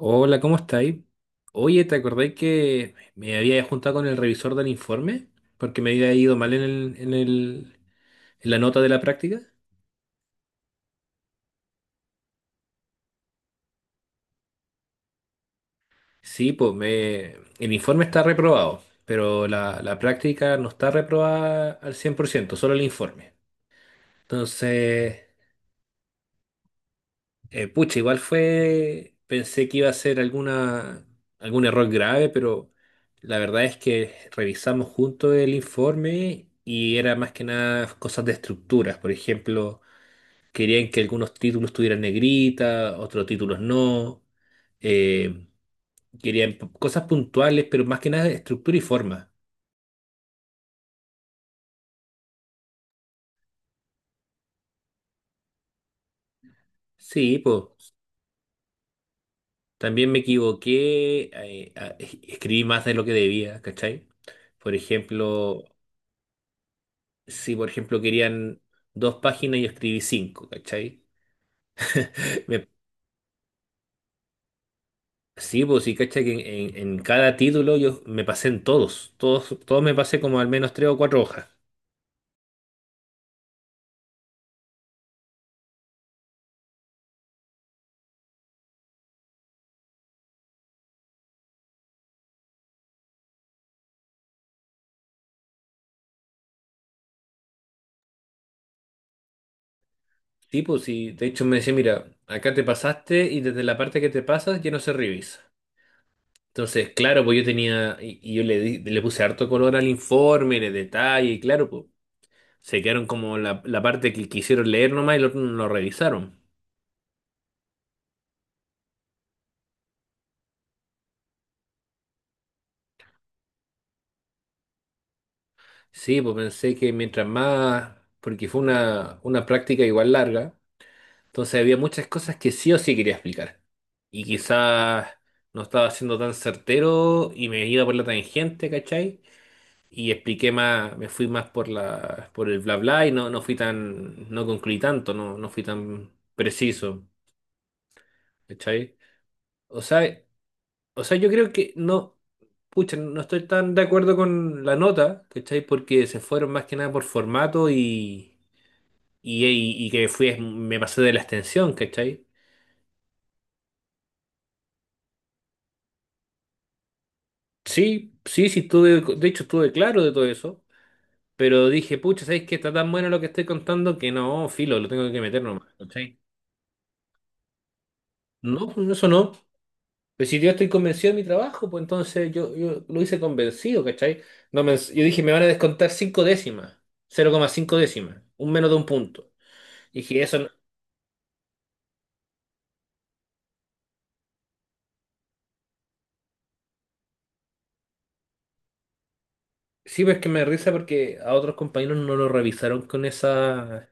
Hola, ¿cómo estáis? Oye, ¿te acordáis que me había juntado con el revisor del informe? Porque me había ido mal en la nota de la práctica. Sí, pues, el informe está reprobado, pero la práctica no está reprobada al 100%, solo el informe. Entonces, pucha, igual fue, pensé que iba a ser algún error grave, pero la verdad es que revisamos juntos el informe y era más que nada cosas de estructuras. Por ejemplo, querían que algunos títulos tuvieran negrita, otros títulos no. eh, querían cosas puntuales, pero más que nada de estructura y forma. Sí, pues también me equivoqué, escribí más de lo que debía, ¿cachai? Por ejemplo. Si, por ejemplo, querían dos páginas y escribí cinco, ¿cachai? Me- sí, pues sí, ¿cachai? Que en cada título yo me pasé en todos, todos, todos me pasé como al menos tres o cuatro hojas. Sí, pues sí, de hecho me decía, mira, acá te pasaste y desde la parte que te pasas ya no se revisa. Entonces, claro, pues yo tenía, y yo le puse harto color al informe, le detalle, y claro, pues se quedaron como la parte que quisieron leer nomás y no lo revisaron. Sí, pues pensé que mientras más, porque fue una práctica igual larga, entonces había muchas cosas que sí o sí quería explicar. Y quizás no estaba siendo tan certero y me iba por la tangente, ¿cachai? Y expliqué más, me fui más por el bla bla y no, no fui tan, no concluí tanto, no, no fui tan preciso, ¿cachai? O sea, o sea, yo creo que no, pucha, no estoy tan de acuerdo con la nota, ¿cachai? Porque se fueron más que nada por formato y me pasé de la extensión, ¿cachai? Sí, sí, sí, de hecho estuve claro de todo eso, pero dije, pucha, ¿sabes qué? Está tan bueno lo que estoy contando que no, filo, lo tengo que meter nomás, ¿cachai? No, no, eso no. Pero si yo estoy convencido de mi trabajo, pues entonces yo lo hice convencido, ¿cachai? No me- yo dije, me van a descontar cinco décimas, 0,5 décimas, un menos de un punto. Y dije, eso no. Sí, pero es que me da risa porque a otros compañeros no lo revisaron con esa,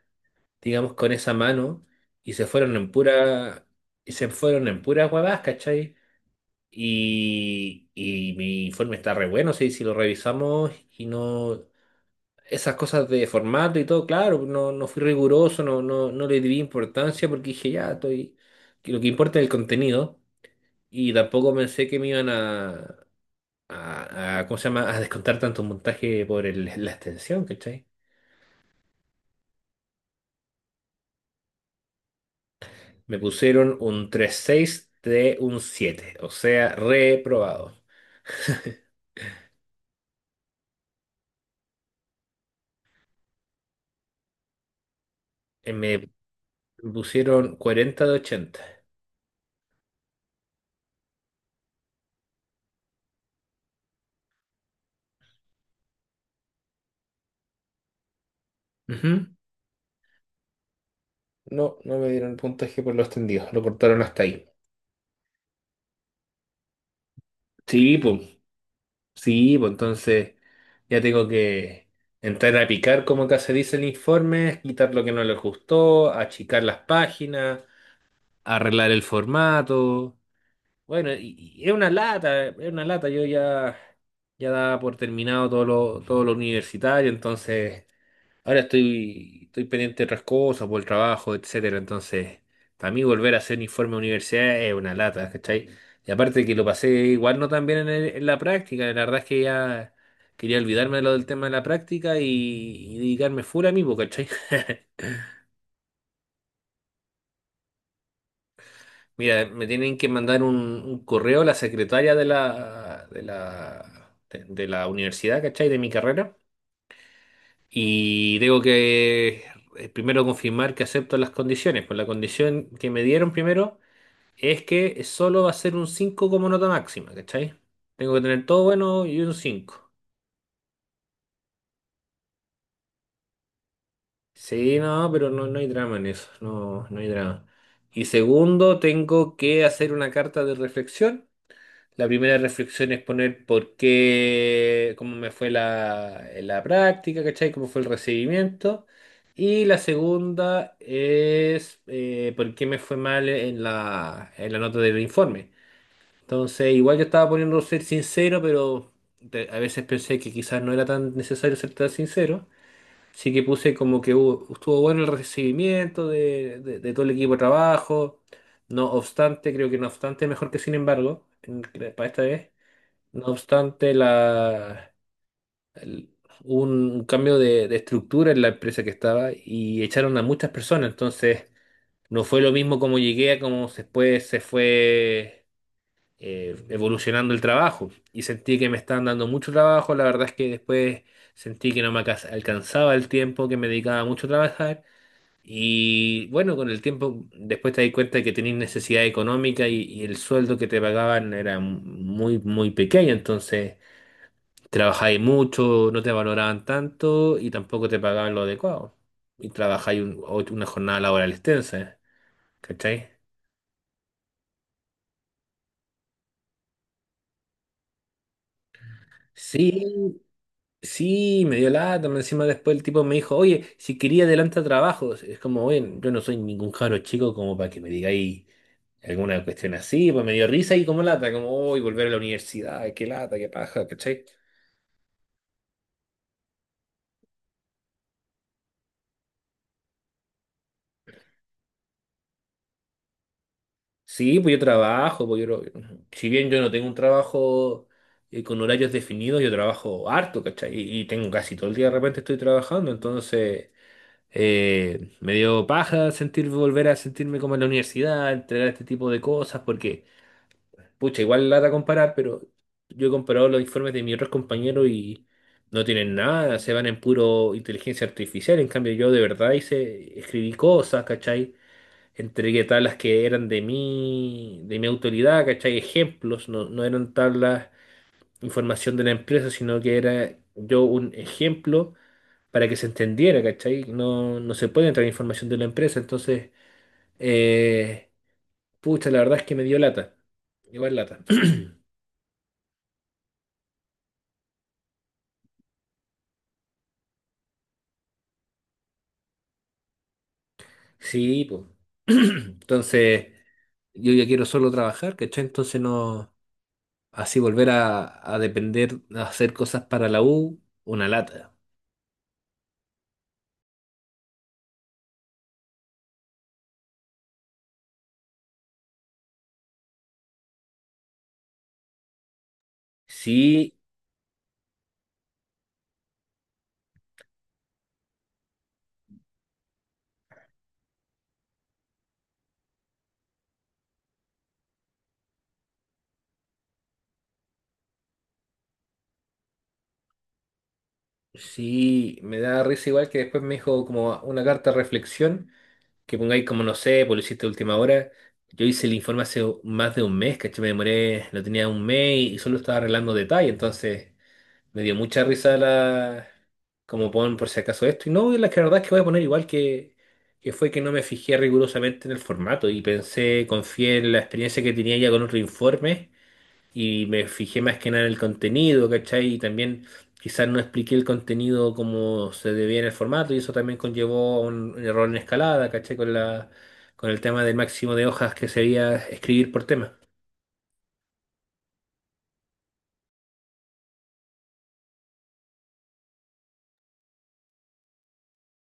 digamos, con esa mano y se fueron en puras huevadas, ¿cachai? Y mi informe está re bueno, sí, si lo revisamos y no, esas cosas de formato y todo, claro, no, no fui riguroso, no, no, no le di importancia porque dije, ya, que lo que importa es el contenido y tampoco pensé que me iban a, ¿cómo se llama?, a descontar tanto montaje la extensión, ¿cachai? Me pusieron un tres seis de un 7, o sea, reprobado. Me pusieron 40 de 80. Ujú. No, no me dieron el puntaje por lo extendido, lo cortaron hasta ahí. Sí, pues, sí, pues entonces ya tengo que entrar a picar, como acá se dice en informes, quitar lo que no les gustó, achicar las páginas, arreglar el formato. Bueno, y es una lata, es una lata. Yo ya daba por terminado todo lo universitario, entonces ahora estoy pendiente de otras cosas, por el trabajo, etcétera. Entonces, para mí volver a hacer un informe de universidad es una lata, ¿cachai? Y aparte que lo pasé igual no tan bien en la práctica, la verdad es que ya quería olvidarme de lo del tema de la práctica y dedicarme full a mí, po, ¿cachai? Mira, me tienen que mandar un correo a la secretaria de la universidad, ¿cachai? De mi carrera. Y tengo que primero confirmar que acepto las condiciones. Pues la condición que me dieron primero es que solo va a ser un 5 como nota máxima, ¿cachai? Tengo que tener todo bueno y un 5. Sí, no, pero no, no hay drama en eso. No, no hay drama. Y segundo, tengo que hacer una carta de reflexión. La primera reflexión es poner por qué, cómo me fue la práctica, ¿cachai? Cómo fue el recibimiento. Y la segunda es por qué me fue mal en la nota del informe. Entonces, igual yo estaba poniendo ser sincero, pero a veces pensé que quizás no era tan necesario ser tan sincero. Así que puse como que estuvo bueno el recibimiento de todo el equipo de trabajo. No obstante, creo que no obstante es mejor que sin embargo, para esta vez. No obstante, el- un cambio de estructura en la empresa que estaba y echaron a muchas personas. Entonces, no fue lo mismo como llegué a como después se fue evolucionando el trabajo. Y sentí que me estaban dando mucho trabajo. La verdad es que después sentí que no me alcanzaba el tiempo, que me dedicaba mucho a trabajar. Y bueno, con el tiempo después te das cuenta de que tenías necesidad económica y el sueldo que te pagaban era muy, muy pequeño. Entonces. Trabajáis mucho, no te valoraban tanto y tampoco te pagaban lo adecuado. Y trabajáis una jornada laboral extensa, ¿cachai? Sí, sí, me dio lata, más encima después el tipo me dijo, oye, si quería adelanta trabajos. Es como, oye, yo no soy ningún cabro chico como para que me digáis alguna cuestión así, pues me dio risa y como lata, como, uy, volver a la universidad, qué lata, qué paja, ¿cachai? Sí, pues yo trabajo, pues si bien yo no tengo un trabajo con horarios definidos, yo trabajo harto, ¿cachai? Y tengo casi todo el día de repente estoy trabajando, entonces me dio paja sentir, volver a sentirme como en la universidad, entregar este tipo de cosas, porque, pucha, igual lata comparar, pero yo he comparado los informes de mis otros compañeros y no tienen nada, se van en puro inteligencia artificial, en cambio yo de verdad hice, escribí cosas, ¿cachai? Entregué tablas que eran de mi autoridad, ¿cachai? Ejemplos, no, no eran tablas, información de la empresa, sino que era yo un ejemplo para que se entendiera, ¿cachai? No, no se puede entrar información de la empresa, entonces, eh, pucha, la verdad es que me dio lata, igual lata. Sí, pues. Entonces, yo ya quiero solo trabajar, ¿cachai? Entonces no, así volver a depender, a hacer cosas para la U, una lata. Sí, sí, me da risa igual que después me dijo como una carta de reflexión, que pongáis como no sé, pues lo hiciste a última hora. Yo hice el informe hace más de un mes, ¿cachai? Me demoré, lo tenía un mes y solo estaba arreglando detalles, entonces me dio mucha risa la. Como pon por si acaso esto. Y no, y la verdad es que voy a poner igual que fue que no me fijé rigurosamente en el formato y pensé, confié en la experiencia que tenía ya con otro informe y me fijé más que nada en el contenido, ¿cachai? Y también quizás no expliqué el contenido como se debía en el formato y eso también conllevó a error en escalada, ¿cachai? Con el tema del máximo de hojas que sería escribir por tema.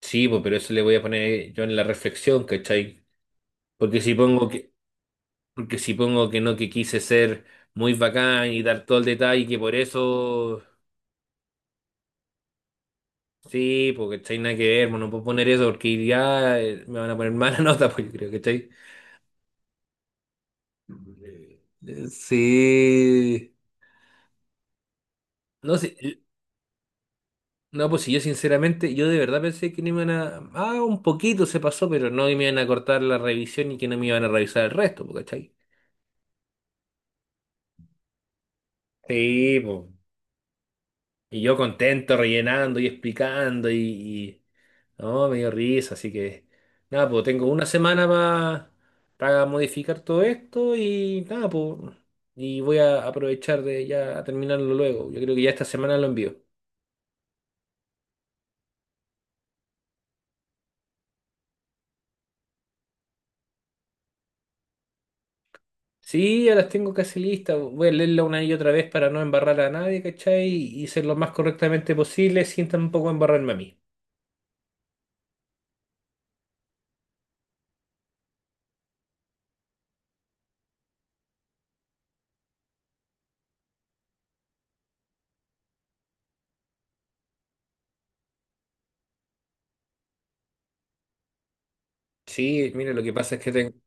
Sí, pues, pero eso le voy a poner yo en la reflexión, ¿cachai? Porque si pongo que, porque si pongo que no, que quise ser muy bacán y dar todo el detalle que por eso. Sí, porque ¿cachai? Nada que ver, bueno, no puedo poner eso porque ya me van a poner mala nota, pues yo creo, que. Eh, Sí. No sé. No, pues si yo sinceramente, yo de verdad pensé que no me iban a. Ah, un poquito se pasó, pero no me iban a cortar la revisión y que no me iban a revisar el resto, po, ¿cachai? Sí, po. Y yo contento, rellenando y explicando. No, me dio risa, así que. Nada, pues tengo una semana para modificar todo esto y nada, pues. Y voy a aprovechar de ya terminarlo luego. Yo creo que ya esta semana lo envío. Sí, ya las tengo casi listas. Voy a leerla una y otra vez para no embarrar a nadie, ¿cachai? Y ser lo más correctamente posible sin tampoco embarrarme a mí. Sí, mire, lo que pasa es que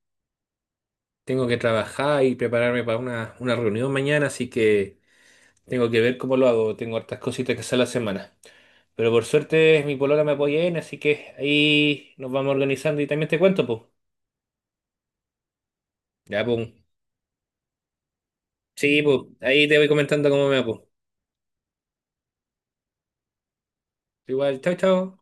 tengo que trabajar y prepararme para una reunión mañana, así que tengo que ver cómo lo hago. Tengo hartas cositas que hacer la semana. Pero por suerte mi polola me apoya en, así que ahí nos vamos organizando y también te cuento, pues. Ya, pues. Sí, pues. Ahí te voy comentando cómo me va, po. Igual, chao, chao.